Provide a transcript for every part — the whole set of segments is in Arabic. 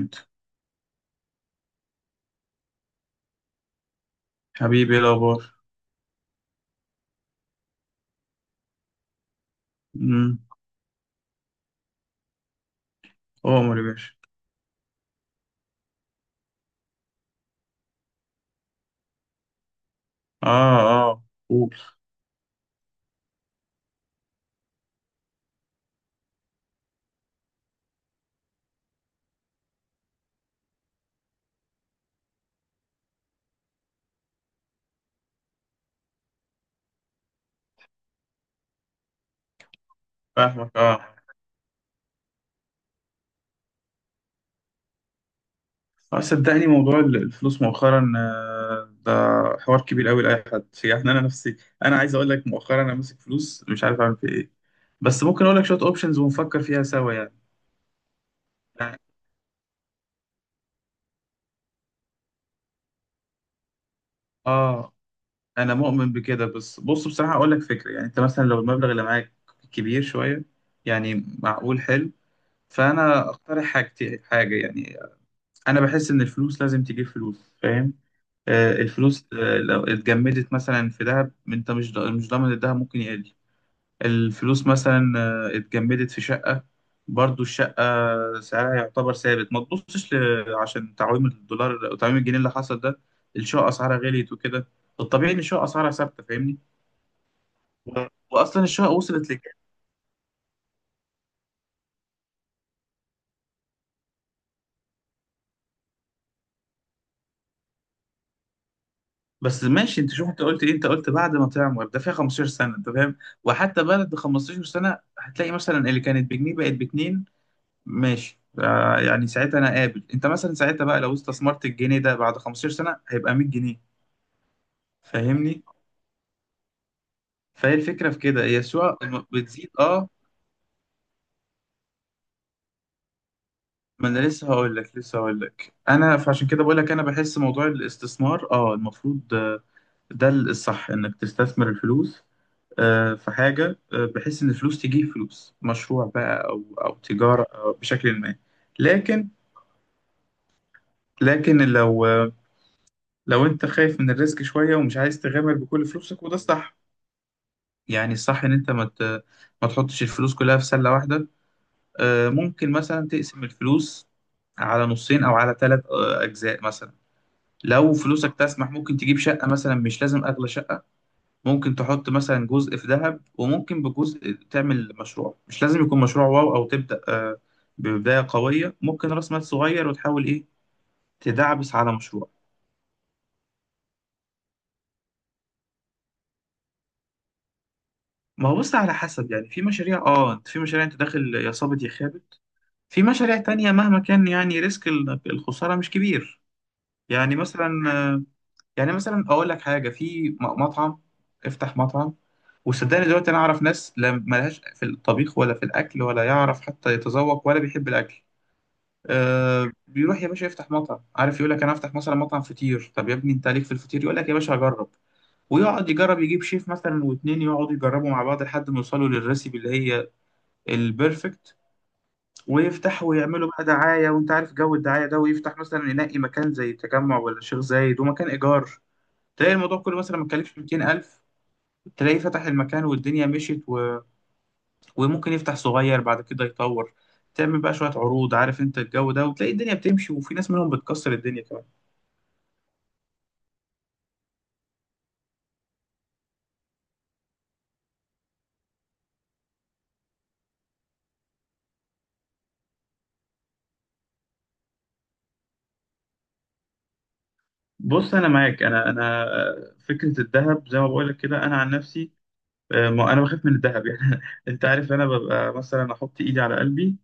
انت؟ حبيبي، ايه الاخبار؟ امم عمر يا باشا. اه. اه، قول. فاهمك. اه، اه صدقني موضوع الفلوس مؤخرا ده حوار كبير قوي لاي حد، يعني انا نفسي انا عايز اقول لك، مؤخرا انا ماسك فلوس مش عارف اعمل فيها ايه، بس ممكن اقول لك شويه اوبشنز ونفكر فيها سوا يعني. اه، انا مؤمن بكده بس بص بصراحه اقول لك فكره، يعني انت مثلا لو المبلغ اللي معاك كبير شويه يعني. معقول، حلو. فانا اقترح حاجه يعني، انا بحس ان الفلوس لازم تجيب فلوس، فاهم؟ آه، الفلوس لو اتجمدت مثلا في ذهب، انت مش مش ضامن الذهب ممكن يقل. الفلوس مثلا اتجمدت في شقة، برضو الشقة سعرها يعتبر ثابت، ما تبصش عشان تعويم الدولار، تعويم الجنيه اللي حصل ده الشقة اسعارها غليت وكده. الطبيعي ان الشقة اسعارها ثابتة، فاهمني. و- واصلا الشقة وصلت. بس ماشي، انت شوف انت قلت ايه، انت قلت بعد ما تعمر ده فيها 15 سنه، انت فاهم؟ وحتى بعد 15 سنه هتلاقي مثلا اللي كانت بجنيه بقت باتنين. ماشي، آه، يعني ساعتها انا قابل، انت مثلا ساعتها بقى لو استثمرت الجنيه ده بعد 15 سنه هيبقى 100 جنيه، فاهمني؟ فهي الفكره في كده هي السوق بتزيد. اه، ما انا لسه هقول لك، لسه هقول لك انا فعشان كده بقول لك، انا بحس موضوع الاستثمار اه المفروض ده الصح، انك تستثمر الفلوس في حاجة بحيث إن فلوس تجيب فلوس، مشروع بقى أو تجارة أو بشكل ما. لكن، لو لو أنت خايف من الريسك شوية ومش عايز تغامر بكل فلوسك، وده الصح يعني. الصح إن أنت ما تحطش الفلوس كلها في سلة واحدة. آه، ممكن مثلا تقسم الفلوس على نصين، أو على ثلاث أجزاء مثلا. لو فلوسك تسمح، ممكن تجيب شقة مثلا، مش لازم أغلى شقة، ممكن تحط مثلا جزء في ذهب، وممكن بجزء تعمل مشروع، مش لازم يكون مشروع واو أو تبدأ ببداية قوية، ممكن رأس مال صغير وتحاول إيه، تدعبس على مشروع. ما هو بص على حسب، يعني في مشاريع اه، في مشاريع انت داخل يا صابت يا خابت، في مشاريع تانية مهما كان يعني ريسك الخسارة مش كبير. يعني مثلا آه، يعني مثلا اقول لك حاجة في مطعم، افتح مطعم. وصدقني دلوقتي انا اعرف ناس لا ملهاش في الطبيخ ولا في الاكل ولا يعرف حتى يتذوق ولا بيحب الاكل، بيروح يا باشا يفتح مطعم، عارف يقول لك انا هفتح مثلا مطعم فطير، طب يا ابني انت عليك في الفطير؟ يقول لك يا باشا هجرب. ويقعد يجرب، يجيب شيف مثلا واتنين يقعدوا يجربوا مع بعض لحد ما يوصلوا للريسيبي اللي هي البيرفكت، ويفتحوا ويعملوا بقى دعاية وانت عارف جو الدعاية ده، ويفتح مثلا ينقي مكان زي التجمع ولا الشيخ زايد ومكان ايجار، تلاقي الموضوع كله مثلا ما اتكلفش 200000. تلاقيه فتح المكان والدنيا مشيت، و... وممكن يفتح صغير بعد كده يطور، تعمل بقى شوية عروض عارف انت الجو ده، وتلاقي الدنيا بتمشي، وفي ناس منهم بتكسر الدنيا كمان. بص انا معاك، انا فكره الذهب زي ما بقول لك كده، انا عن نفسي ما انا بخاف من الذهب يعني. انت عارف انا ببقى مثلا احط ايدي على قلبي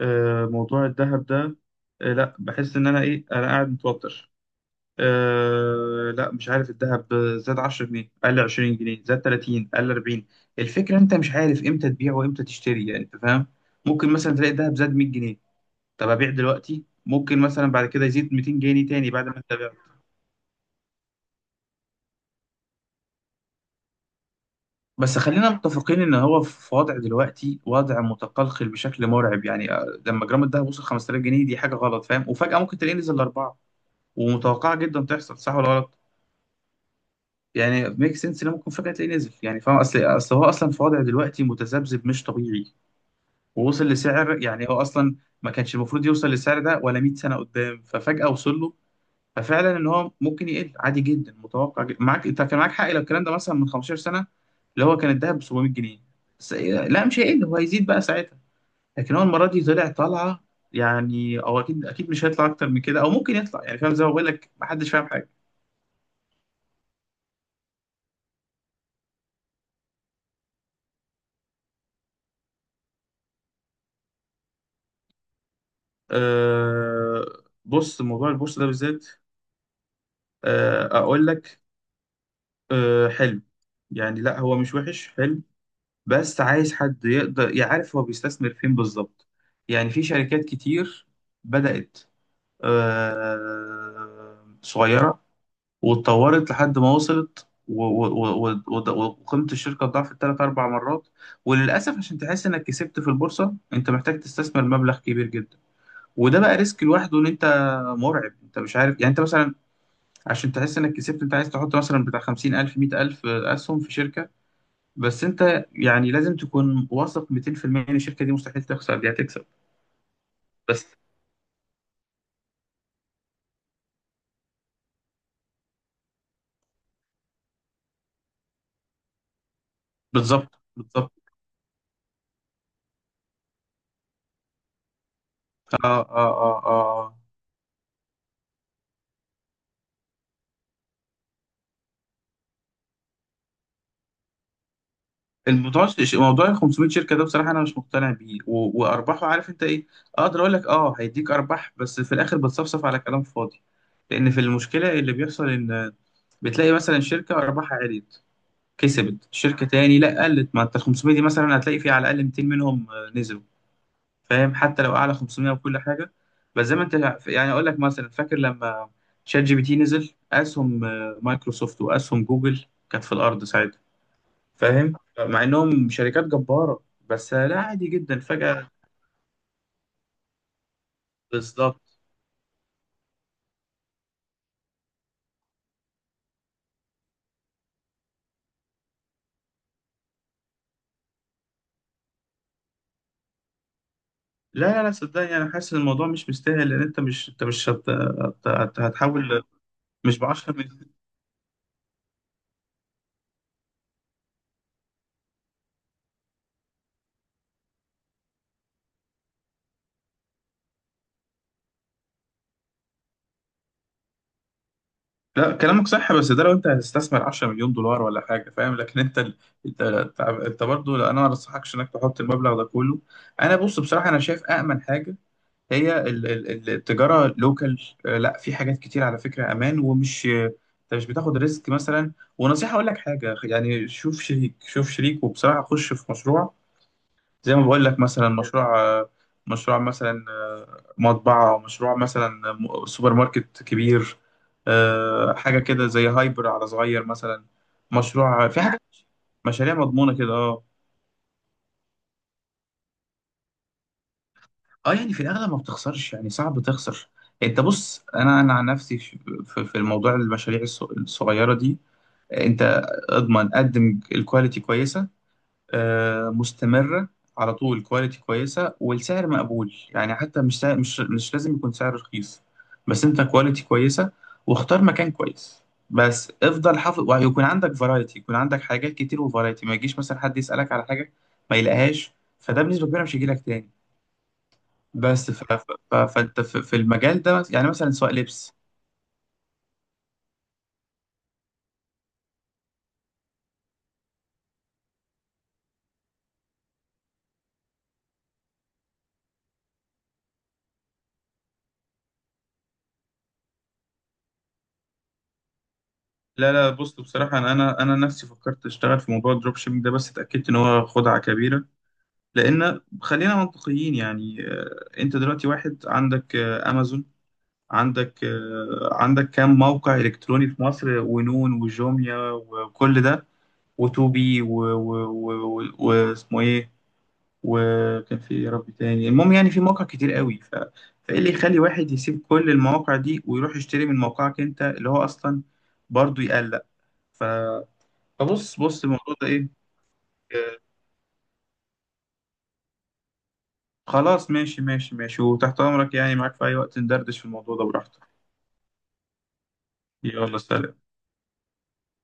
موضوع الذهب ده لا بحس ان انا ايه، انا قاعد متوتر. لا، مش عارف، الذهب زاد 10 جنيه، قل 20 جنيه، زاد 30، قل 40. الفكره انت مش عارف امتى تبيع وامتى تشتري، يعني انت فاهم، ممكن مثلا تلاقي الذهب زاد 100 جنيه، طب ابيع دلوقتي؟ ممكن مثلا بعد كده يزيد 200 جنيه تاني بعد ما انت. بس خلينا متفقين ان هو في وضع دلوقتي، وضع متقلقل بشكل مرعب يعني، لما جرام الدهب وصل 5000 جنيه، دي حاجه غلط، فاهم؟ وفجاه ممكن تلاقيه نزل لاربعه، ومتوقعه جدا تحصل، صح ولا غلط؟ يعني ميك سنس ان ممكن فجاه تلاقيه نزل، يعني فاهم؟ اصل هو اصلا في وضع دلوقتي متذبذب مش طبيعي ووصل لسعر، يعني هو اصلا ما كانش المفروض يوصل للسعر ده ولا 100 سنه قدام، ففجاه وصل له. ففعلا ان هو ممكن يقل عادي جدا، متوقع جدا. معاك، انت كان معاك حق لو الكلام ده مثلا من 15 سنه، اللي هو كان الذهب ب 700 جنيه، لا مش هيقل، هو هيزيد بقى ساعتها، لكن هو المره دي طلع طالعه يعني. او اكيد، مش هيطلع اكتر من كده، او ممكن يطلع، يعني فاهم زي ما بقول لك، محدش فاهم حاجه. أه... بص موضوع البورصه ده بالذات، اقول لك حلو، يعني لا هو مش وحش، حلو. بس عايز حد يقدر يعرف هو بيستثمر فين بالظبط، يعني في شركات كتير بدأت صغيرة واتطورت لحد ما وصلت وقيمة الشركة ضعفت تلات أربع مرات. وللأسف عشان تحس إنك كسبت في البورصة أنت محتاج تستثمر مبلغ كبير جدا، وده بقى ريسك لوحده. إن أنت مرعب، أنت مش عارف، يعني أنت مثلا عشان تحس إنك كسبت أنت عايز تحط مثلا بتاع خمسين ألف مية ألف أسهم في شركة، بس أنت يعني لازم تكون واثق 200% إن الشركة دي مستحيل تخسر، دي هتكسب بس. بالظبط. آه آه آه آه. الموضوع موضوع ال 500 شركه ده بصراحه انا مش مقتنع بيه، وارباحه عارف انت ايه؟ اقدر اقول لك اه هيديك ارباح، بس في الاخر بتصفصف على كلام فاضي. لان في المشكله اللي بيحصل ان بتلاقي مثلا شركه ارباحها عليت، كسبت، شركه تاني لا قلت. ما انت ال 500 دي مثلا هتلاقي في على الاقل 200 منهم نزلوا، فاهم؟ حتى لو اعلى 500 وكل حاجه. بس زي ما انت يعني، اقول لك مثلا فاكر لما شات جي بي تي نزل، اسهم مايكروسوفت واسهم جوجل كانت في الارض، فاهم؟ مع انهم شركات جبارة، بس لا عادي جدا فجأة. بالظبط. لا لا لا، صدقني انا حاسس ان الموضوع مش مستاهل، لان انت مش، انت مش هتحول مش ب 10 مليون. لا كلامك صح، بس ده لو انت هتستثمر 10 مليون دولار ولا حاجه، فاهم؟ لكن انت انت، انت برضه لا، انا ما انصحكش انك تحط المبلغ ده كله. انا بص بصراحه انا شايف امن حاجه هي التجارة لوكال. لا في حاجات كتير على فكرة أمان، ومش أنت مش بتاخد ريسك مثلا. ونصيحة أقول لك حاجة يعني، شوف شريك، وبصراحة خش في مشروع، زي ما بقول لك مثلا مشروع مشروع مثلا مطبعة، مشروع مثلا سوبر ماركت كبير، حاجة كده زي هايبر على صغير مثلا، مشروع في حاجة، مشاريع مضمونة كده اه. اه يعني في الاغلب ما بتخسرش يعني، صعب تخسر. انت بص انا، عن نفسي في، في الموضوع المشاريع الصغيره دي، انت اضمن قدم الكواليتي كويسه مستمره على طول، كواليتي كويسه والسعر مقبول، يعني حتى مش سعر، مش لازم يكون سعر رخيص، بس انت كواليتي كويسه، واختار مكان كويس، بس افضل حافظ، ويكون عندك فرايتي، يكون عندك حاجات كتير وفرايتي، ما يجيش مثلا حد يسالك على حاجه ما يلاقيهاش، فده بنسبه كبيره مش هيجيلك تاني. بس فانت في في المجال ده يعني، مثلا سواء لبس. لا لا، بص بصراحة أنا نفسي فكرت أشتغل في موضوع الدروب شيبينج ده، بس اتأكدت إن هو خدعة كبيرة. لأن خلينا منطقيين، يعني أنت دلوقتي واحد عندك أمازون، عندك عندك كام موقع إلكتروني في مصر، ونون وجوميا وكل ده، وتوبي واسمه إيه، وكان في إيه يا رب تاني، المهم يعني في مواقع كتير قوي. فايه اللي يخلي واحد يسيب كل المواقع دي ويروح يشتري من موقعك انت، اللي هو اصلا برضه يقلق؟ ف... فبص، بص الموضوع ده ايه. آه، خلاص، ماشي، وتحت امرك يعني، معاك في اي وقت، ندردش في الموضوع ده براحتك. يلا سلام.